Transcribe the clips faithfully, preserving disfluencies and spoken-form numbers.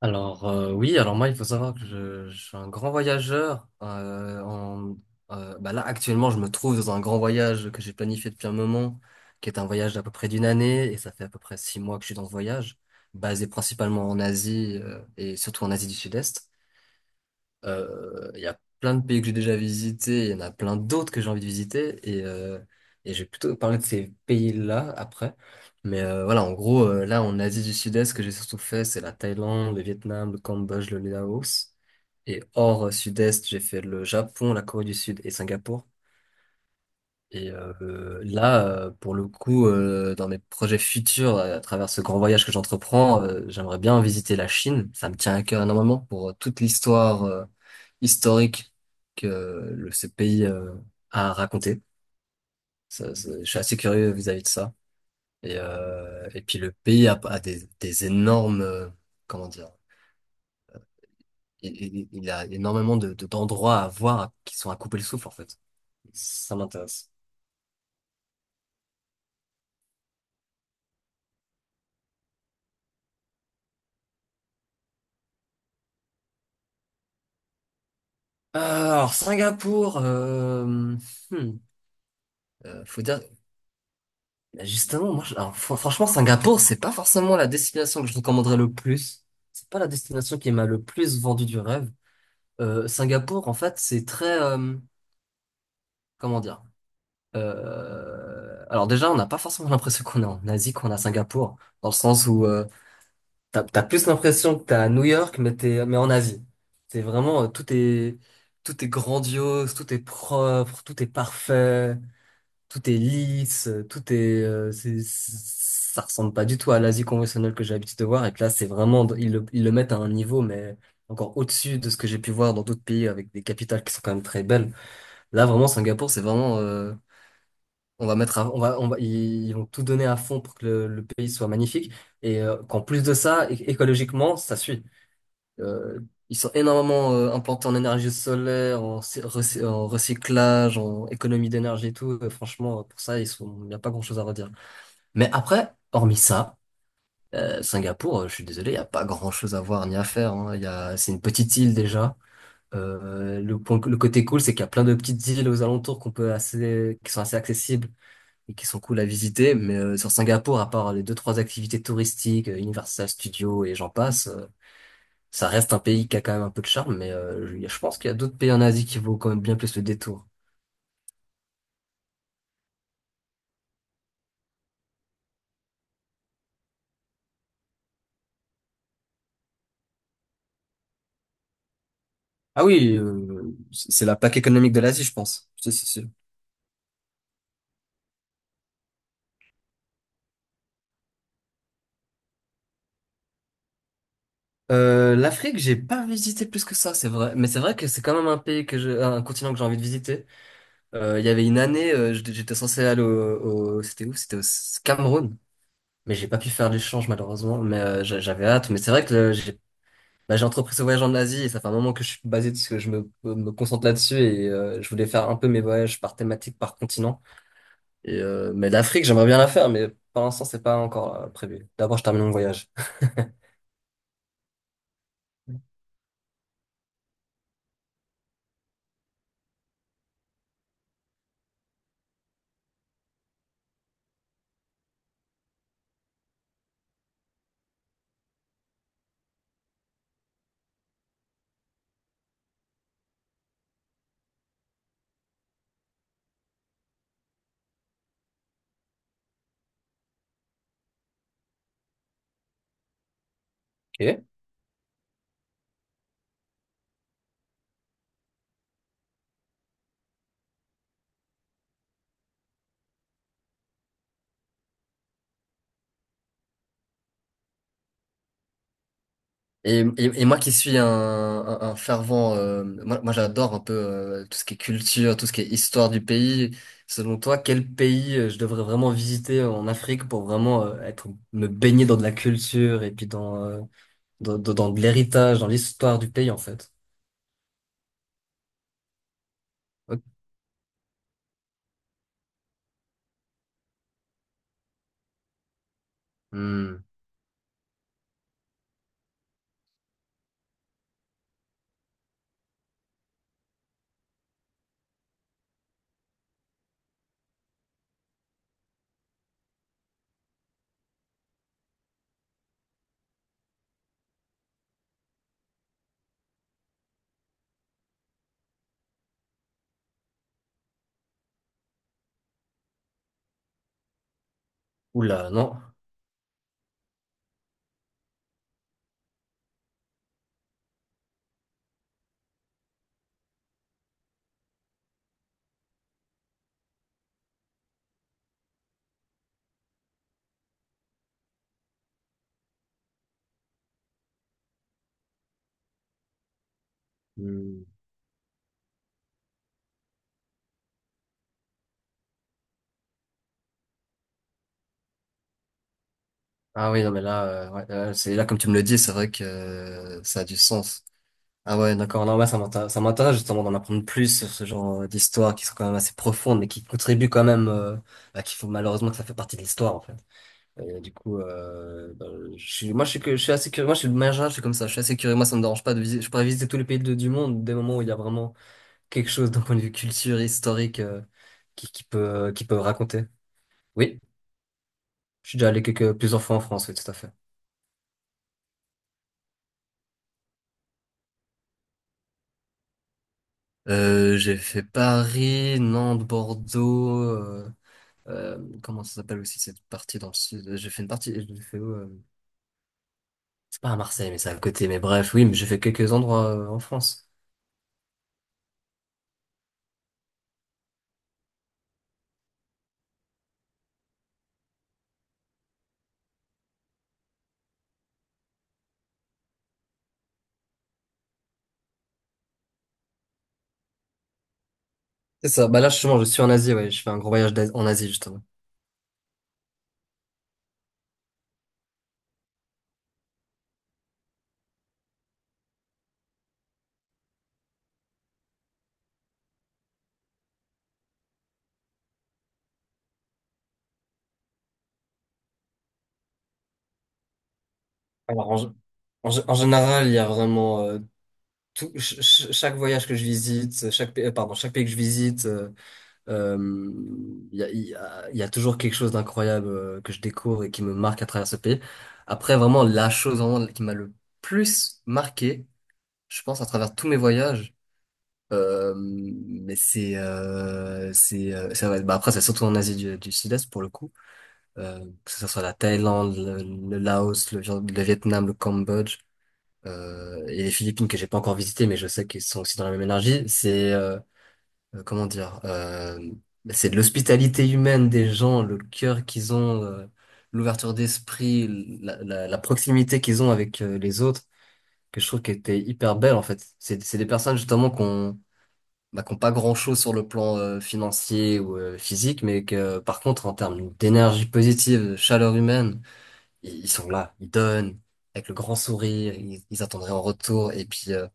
Alors euh, oui, alors moi il faut savoir que je, je suis un grand voyageur. euh, en, euh, bah là actuellement je me trouve dans un grand voyage que j'ai planifié depuis un moment, qui est un voyage d'à peu près d'une année et ça fait à peu près six mois que je suis dans ce voyage, basé principalement en Asie euh, et surtout en Asie du Sud-Est. Euh, Il y a plein de pays que j'ai déjà visités, il y en a plein d'autres que j'ai envie de visiter, et, euh, et je vais plutôt parler de ces pays-là après. Mais euh, voilà, en gros, euh, là, en Asie du Sud-Est, ce que j'ai surtout fait, c'est la Thaïlande, le Vietnam, le Cambodge, le Laos. Et hors euh, Sud-Est, j'ai fait le Japon, la Corée du Sud et Singapour. Et euh, là, euh, pour le coup, euh, dans mes projets futurs, euh, à travers ce grand voyage que j'entreprends, euh, j'aimerais bien visiter la Chine. Ça me tient à cœur énormément pour euh, toute l'histoire euh, historique que euh, le- ce pays euh, a raconté. Ça, ça- je suis assez curieux vis-à-vis de ça. Et, euh, et puis le pays a, a des, des énormes, euh, comment dire, il, il- il a énormément de, de- d'endroits à voir qui sont à couper le souffle en fait. Ça m'intéresse. Euh, alors Singapour. Euh, hmm. Euh, faut dire, bah, justement, moi, je- alors, fran- franchement, Singapour, c'est pas forcément la destination que je recommanderais le plus. C'est pas la destination qui m'a le plus vendu du rêve. Euh, Singapour, en fait, c'est très, euh, comment dire? Euh, alors déjà, on n'a pas forcément l'impression qu'on est en Asie, qu'on a à Singapour, dans le sens où euh, t'as, t'as plus l'impression que t'es à New York, mais t'es, mais en Asie. C'est vraiment, euh, tout est, tout est grandiose, tout est propre, tout est parfait. Tout est lisse, euh, tout est, euh, c'est- c'est- ça ressemble pas du tout à l'Asie conventionnelle que j'ai l'habitude de voir. Et que là, c'est vraiment, ils le, ils le mettent à un niveau, mais encore au-dessus de ce que j'ai pu voir dans d'autres pays avec des capitales qui sont quand même très belles. Là, vraiment, Singapour, c'est vraiment, euh, on va mettre, à- on va, on va, ils, ils vont tout donner à fond pour que le, le pays soit magnifique. Et euh, qu'en plus de ça, é- écologiquement, ça suit. Euh, Ils sont énormément euh, implantés en énergie solaire, en, cy- recy- en recyclage, en économie d'énergie et tout. Euh, franchement, euh, pour ça, ils sont, il n'y a pas grand-chose à redire. Mais après, hormis ça, euh, Singapour, euh, je suis désolé, il n'y a pas grand-chose à voir ni à faire. Hein. Il y a, c'est une petite île déjà. Euh, le point, le côté cool, c'est qu'il y a plein de petites îles aux alentours qu'on peut assez, qui sont assez accessibles et qui sont cool à visiter. Mais euh, sur Singapour, à part les deux, trois activités touristiques, euh, Universal Studios et j'en passe. Euh, ça reste un pays qui a quand même un peu de charme, mais euh, je je pense qu'il y a d'autres pays en Asie qui vaut quand même bien plus le détour. Ah oui, euh, c'est la plaque économique de l'Asie, je pense. C'est c'est sûr. Euh, L'Afrique, j'ai pas visité plus que ça, c'est vrai. Mais c'est vrai que c'est quand même un pays que je, un continent que j'ai envie de visiter. Euh, Il y avait une année, euh, j'étais j'étais censé aller au, au- c'était où? C'était au Cameroun. Mais j'ai pas pu faire l'échange malheureusement. Mais euh, j'a- j'avais hâte. Mais c'est vrai que euh, j'ai bah, j'ai entrepris ce voyage en Asie et ça fait un moment que je suis basé parce que je me, me concentre là-dessus et euh, je voulais faire un peu mes voyages par thématique, par continent. Et, euh, mais l'Afrique, j'aimerais bien la faire, mais pour l'instant, c'est pas encore euh, prévu. D'abord, je termine mon voyage. Ok. Et, et, et moi qui suis un, un, un fervent, euh, moi, moi j'adore un peu euh, tout ce qui est culture, tout ce qui est histoire du pays. Selon toi, quel pays euh, je devrais vraiment visiter en Afrique pour vraiment euh, être, me baigner dans de la culture et puis dans, euh, dans, dans, dans de l'héritage, dans l'histoire du pays en fait? Hmm. Oula, non. Hmm. Ah oui, non, mais là, euh, ouais, euh, c'est là comme tu me le dis, c'est vrai que euh, ça a du sens. Ah ouais, d'accord. Non, ouais, ça m'intéresse, ça m'intéresse justement d'en apprendre plus sur ce genre euh, d'histoires qui sont quand même assez profondes, mais qui contribuent quand même, euh, bah, qu'il faut malheureusement que ça fait partie de l'histoire en fait. Et du coup, euh, bah, je suis, moi, je suis, que- je suis assez curieux. Moi, je suis de manière générale, je suis comme ça. Je suis assez curieux. Moi, ça me dérange pas de visiter. Je pourrais visiter tous les pays de- du monde dès le moment où il y a vraiment quelque chose d'un point de vue culture, historique, euh, qui, qui peut, qui peut raconter. Oui. Je suis déjà allé quelques, plusieurs fois en France, oui, tout à fait. Euh, j'ai fait Paris, Nantes, Bordeaux. Euh, euh, comment ça s'appelle aussi cette partie dans le sud? Euh, J'ai fait une partie. J'ai fait où, euh, c'est pas à Marseille, mais c'est à côté. Mais bref, oui, mais j'ai fait quelques endroits euh, en France. C'est ça. Bah là, justement, je suis en Asie. Ouais, je fais un gros voyage d'As- en Asie justement. Alors, en, gé- en gé- en général, il y a vraiment euh, tout, ch- ch- chaque voyage que je visite, chaque, pa- euh, pardon, chaque pays que je visite. Euh, Il y a, il y a- il y a toujours quelque chose d'incroyable euh, que je découvre et qui me marque à travers ce pays. Après, vraiment, la chose vraiment qui m'a le plus marqué, je pense, à travers tous mes voyages, euh, mais c'est, euh, c'est, euh, ça va être- bah après, c'est surtout en Asie du, du Sud-Est pour le coup, euh, que ce soit la Thaïlande, le, le Laos, le, Viet- le Vietnam, le Cambodge, euh, et les Philippines que j'ai pas encore visité, mais je sais qu'ils sont aussi dans la même énergie. C'est euh, comment dire, euh, c'est de l'hospitalité humaine des gens, le cœur qu'ils ont, euh, l'ouverture d'esprit, la, la, la proximité qu'ils ont avec euh, les autres, que je trouve qui était hyper belle en fait. C'est, c'est des personnes justement qu'on bah, qu'on pas grand-chose sur le plan euh, financier ou euh, physique, mais que par contre en termes d'énergie positive, de chaleur humaine, ils, ils sont là, ils donnent avec le grand sourire, ils, ils attendraient en retour et puis euh,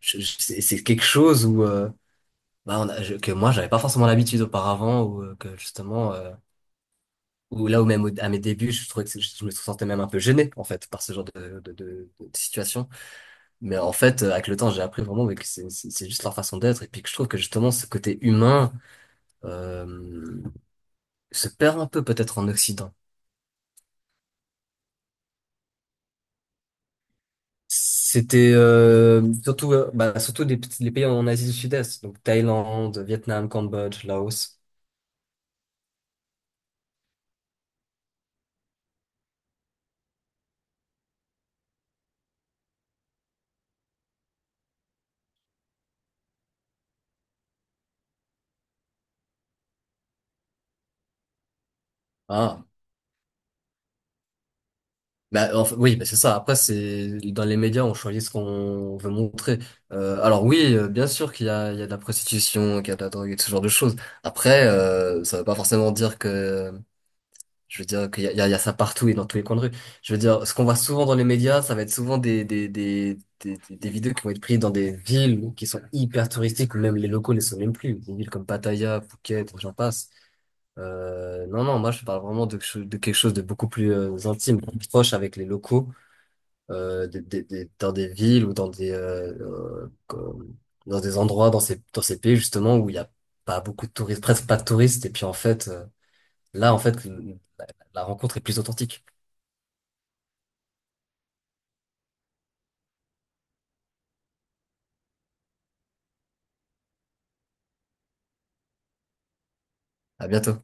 je- je- c'est c'est quelque chose où euh, bah, on a- je- que moi j'avais pas forcément l'habitude auparavant ou euh, que justement euh, ou là où même au- à mes débuts je trouvais que c'est- je me sentais même un peu gêné en fait par ce genre de, de, de, de situation mais en fait euh, avec le temps j'ai appris vraiment mais que c'est c'est c'est juste leur façon d'être et puis que je trouve que justement ce côté humain euh, se perd un peu peut-être en Occident c'était euh, surtout euh, bah, surtout les, petits- les pays en Asie du Sud-Est donc Thaïlande Vietnam Cambodge Laos. Ah, bah, enfin, oui, bah, c'est ça. Après, c'est dans les médias, on choisit ce qu'on veut montrer. Euh, alors oui, euh, bien sûr qu'il y a, il y a de la prostitution, qu'il y a de la drogue et ce genre de choses. Après, euh, ça veut pas forcément dire que, je veux dire qu'il y a, il y a il y a ça partout et dans tous les coins de rue. Je veux dire, ce qu'on voit souvent dans les médias, ça va être souvent des, des, des, des, des- des vidéos qui vont être prises dans des villes qui sont hyper touristiques, où même les locaux ne sont même plus. Des villes comme Pattaya, Phuket, j'en passe. Euh, non, non, moi je parle vraiment de, de quelque chose de beaucoup plus euh, intime, proche avec les locaux euh, des, des- des- dans des villes ou dans des, euh, euh, comme- dans des endroits, dans ces, dans ces pays justement où il n'y a pas beaucoup de touristes, presque pas de touristes. Et puis en fait, euh, là, en fait, la rencontre est plus authentique. À bientôt.